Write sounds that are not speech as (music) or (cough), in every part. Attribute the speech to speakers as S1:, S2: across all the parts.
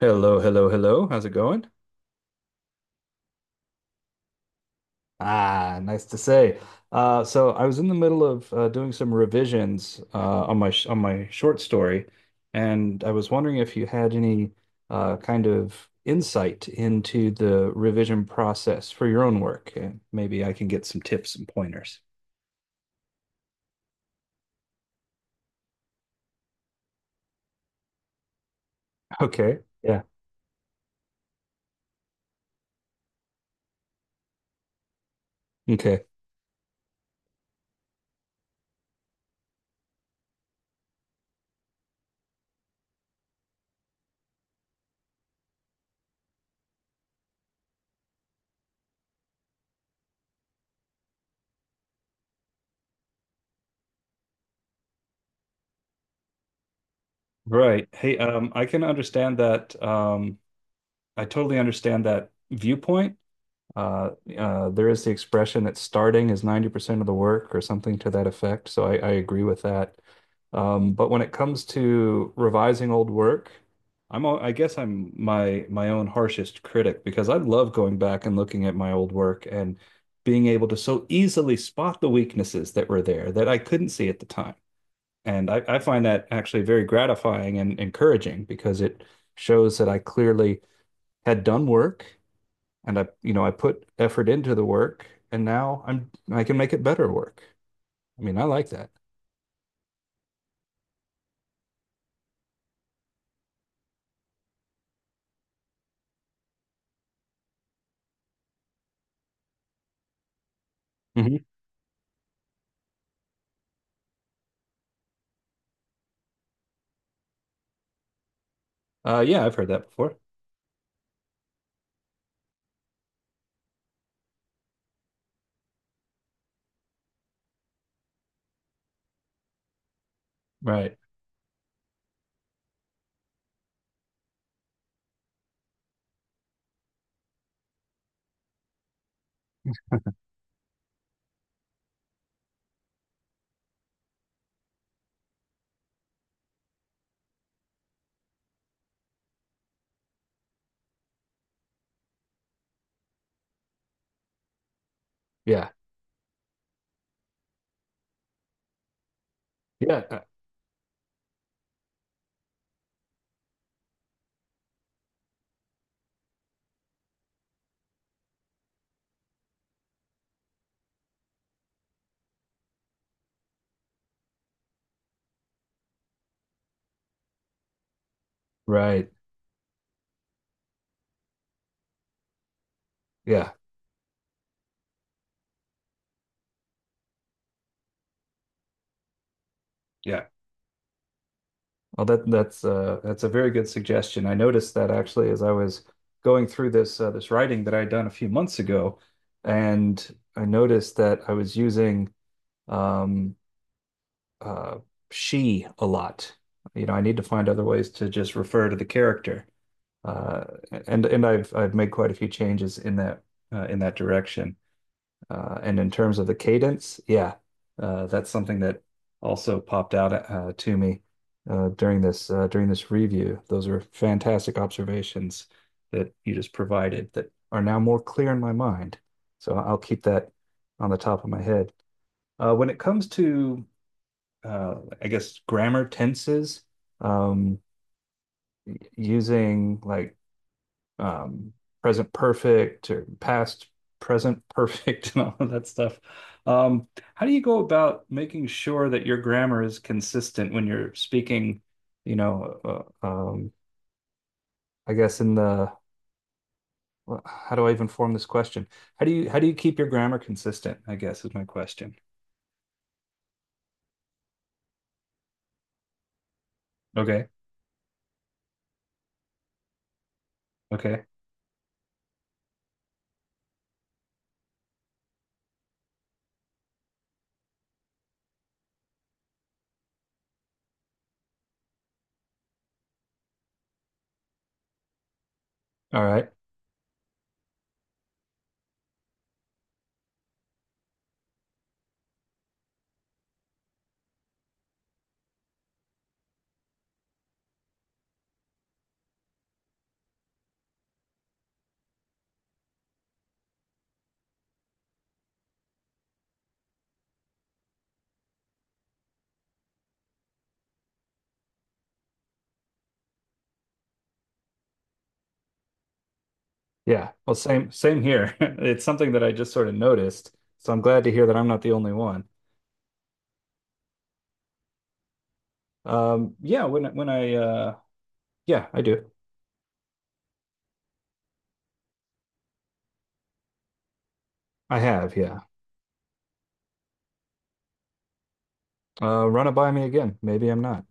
S1: Hello, hello, hello. How's it going? Ah, nice to say. So I was in the middle of doing some revisions on my sh on my short story, and I was wondering if you had any kind of insight into the revision process for your own work, and maybe I can get some tips and pointers. Okay. Yeah. Okay. Right. Hey, I can understand that. I totally understand that viewpoint. Uh, there is the expression that starting is 90% of the work or something to that effect. So I agree with that. But when it comes to revising old work, I guess I'm my own harshest critic because I love going back and looking at my old work and being able to so easily spot the weaknesses that were there that I couldn't see at the time. And I find that actually very gratifying and encouraging because it shows that I clearly had done work and I I put effort into the work, and now I can make it better work. I mean, I like that. Mhm. Yeah, I've heard that before. Right. Yeah. Yeah. Right. Yeah. Yeah. Well, that's a very good suggestion. I noticed that actually as I was going through this writing that I had done a few months ago, and I noticed that I was using um uh she a lot. You know, I need to find other ways to just refer to the character. uh, and I've made quite a few changes in that direction. And in terms of the cadence, yeah, that's something that also popped out to me during this review. Those are fantastic observations that you just provided that are now more clear in my mind. So I'll keep that on the top of my head. When it comes to uh, I guess grammar tenses, um, using like um, present perfect or past present perfect (laughs) and all of that stuff. Um, how do you go about making sure that your grammar is consistent when you're speaking, you know, I guess in the, well, how do I even form this question? How do you keep your grammar consistent? I guess is my question. Okay. Okay. All right. Yeah. Well, same here. (laughs) It's something that I just sort of noticed, so I'm glad to hear that I'm not the only one. Um, yeah, when when I uh yeah, I do. I have, yeah. Run it by me again. Maybe I'm not.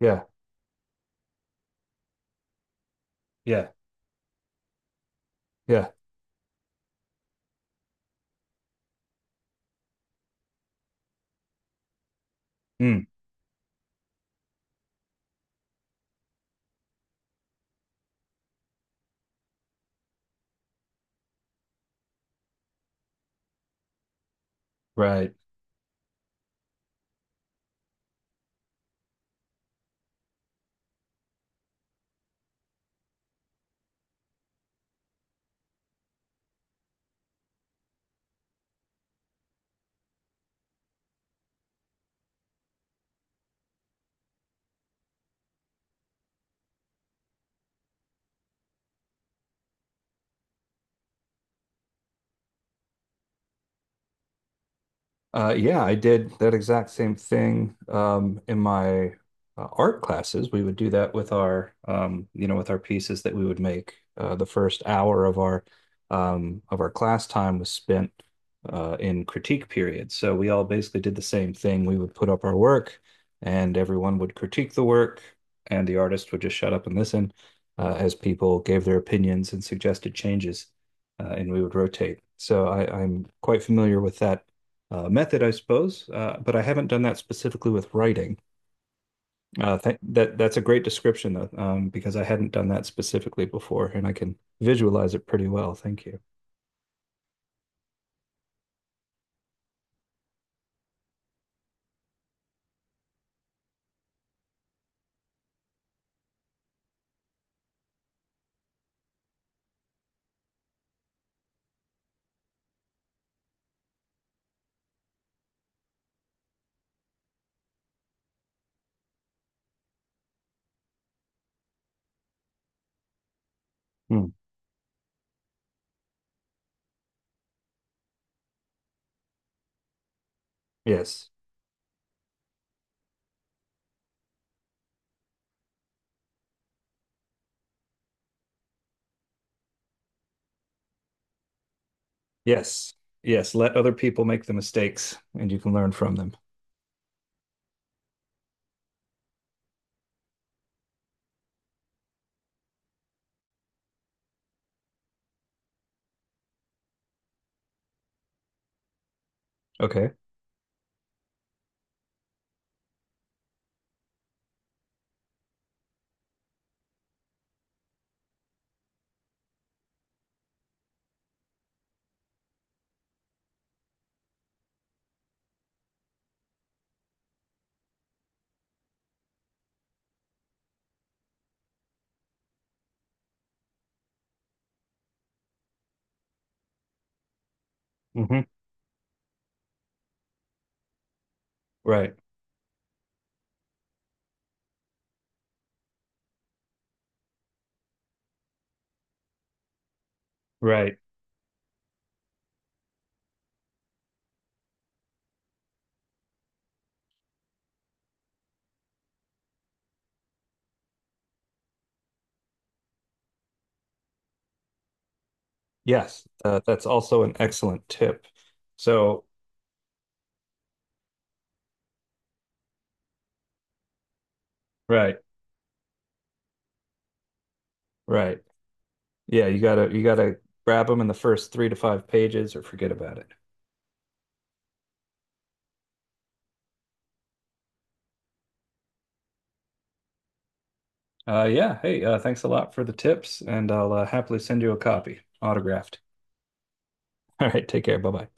S1: Yeah, yeah, yeah. Mm, right. Yeah, I did that exact same thing in my art classes. We would do that with our, you know, with our pieces that we would make. The first hour of our class time was spent in critique period. So we all basically did the same thing. We would put up our work, and everyone would critique the work, and the artist would just shut up and listen as people gave their opinions and suggested changes, and we would rotate. So I'm quite familiar with that method, I suppose, but I haven't done that specifically with writing. Th that that's a great description though, because I hadn't done that specifically before, and I can visualize it pretty well. Thank you. Hmm. Yes, yes, yes. Let other people make the mistakes, and you can learn from them. Okay. Hmm. Right, right. Yes, that's also an excellent tip. So, right, right. Yeah, you gotta grab them in the first three to five pages, or forget about it. Yeah. Hey, thanks a lot for the tips, and I'll happily send you a copy, autographed. All right. Take care. Bye bye.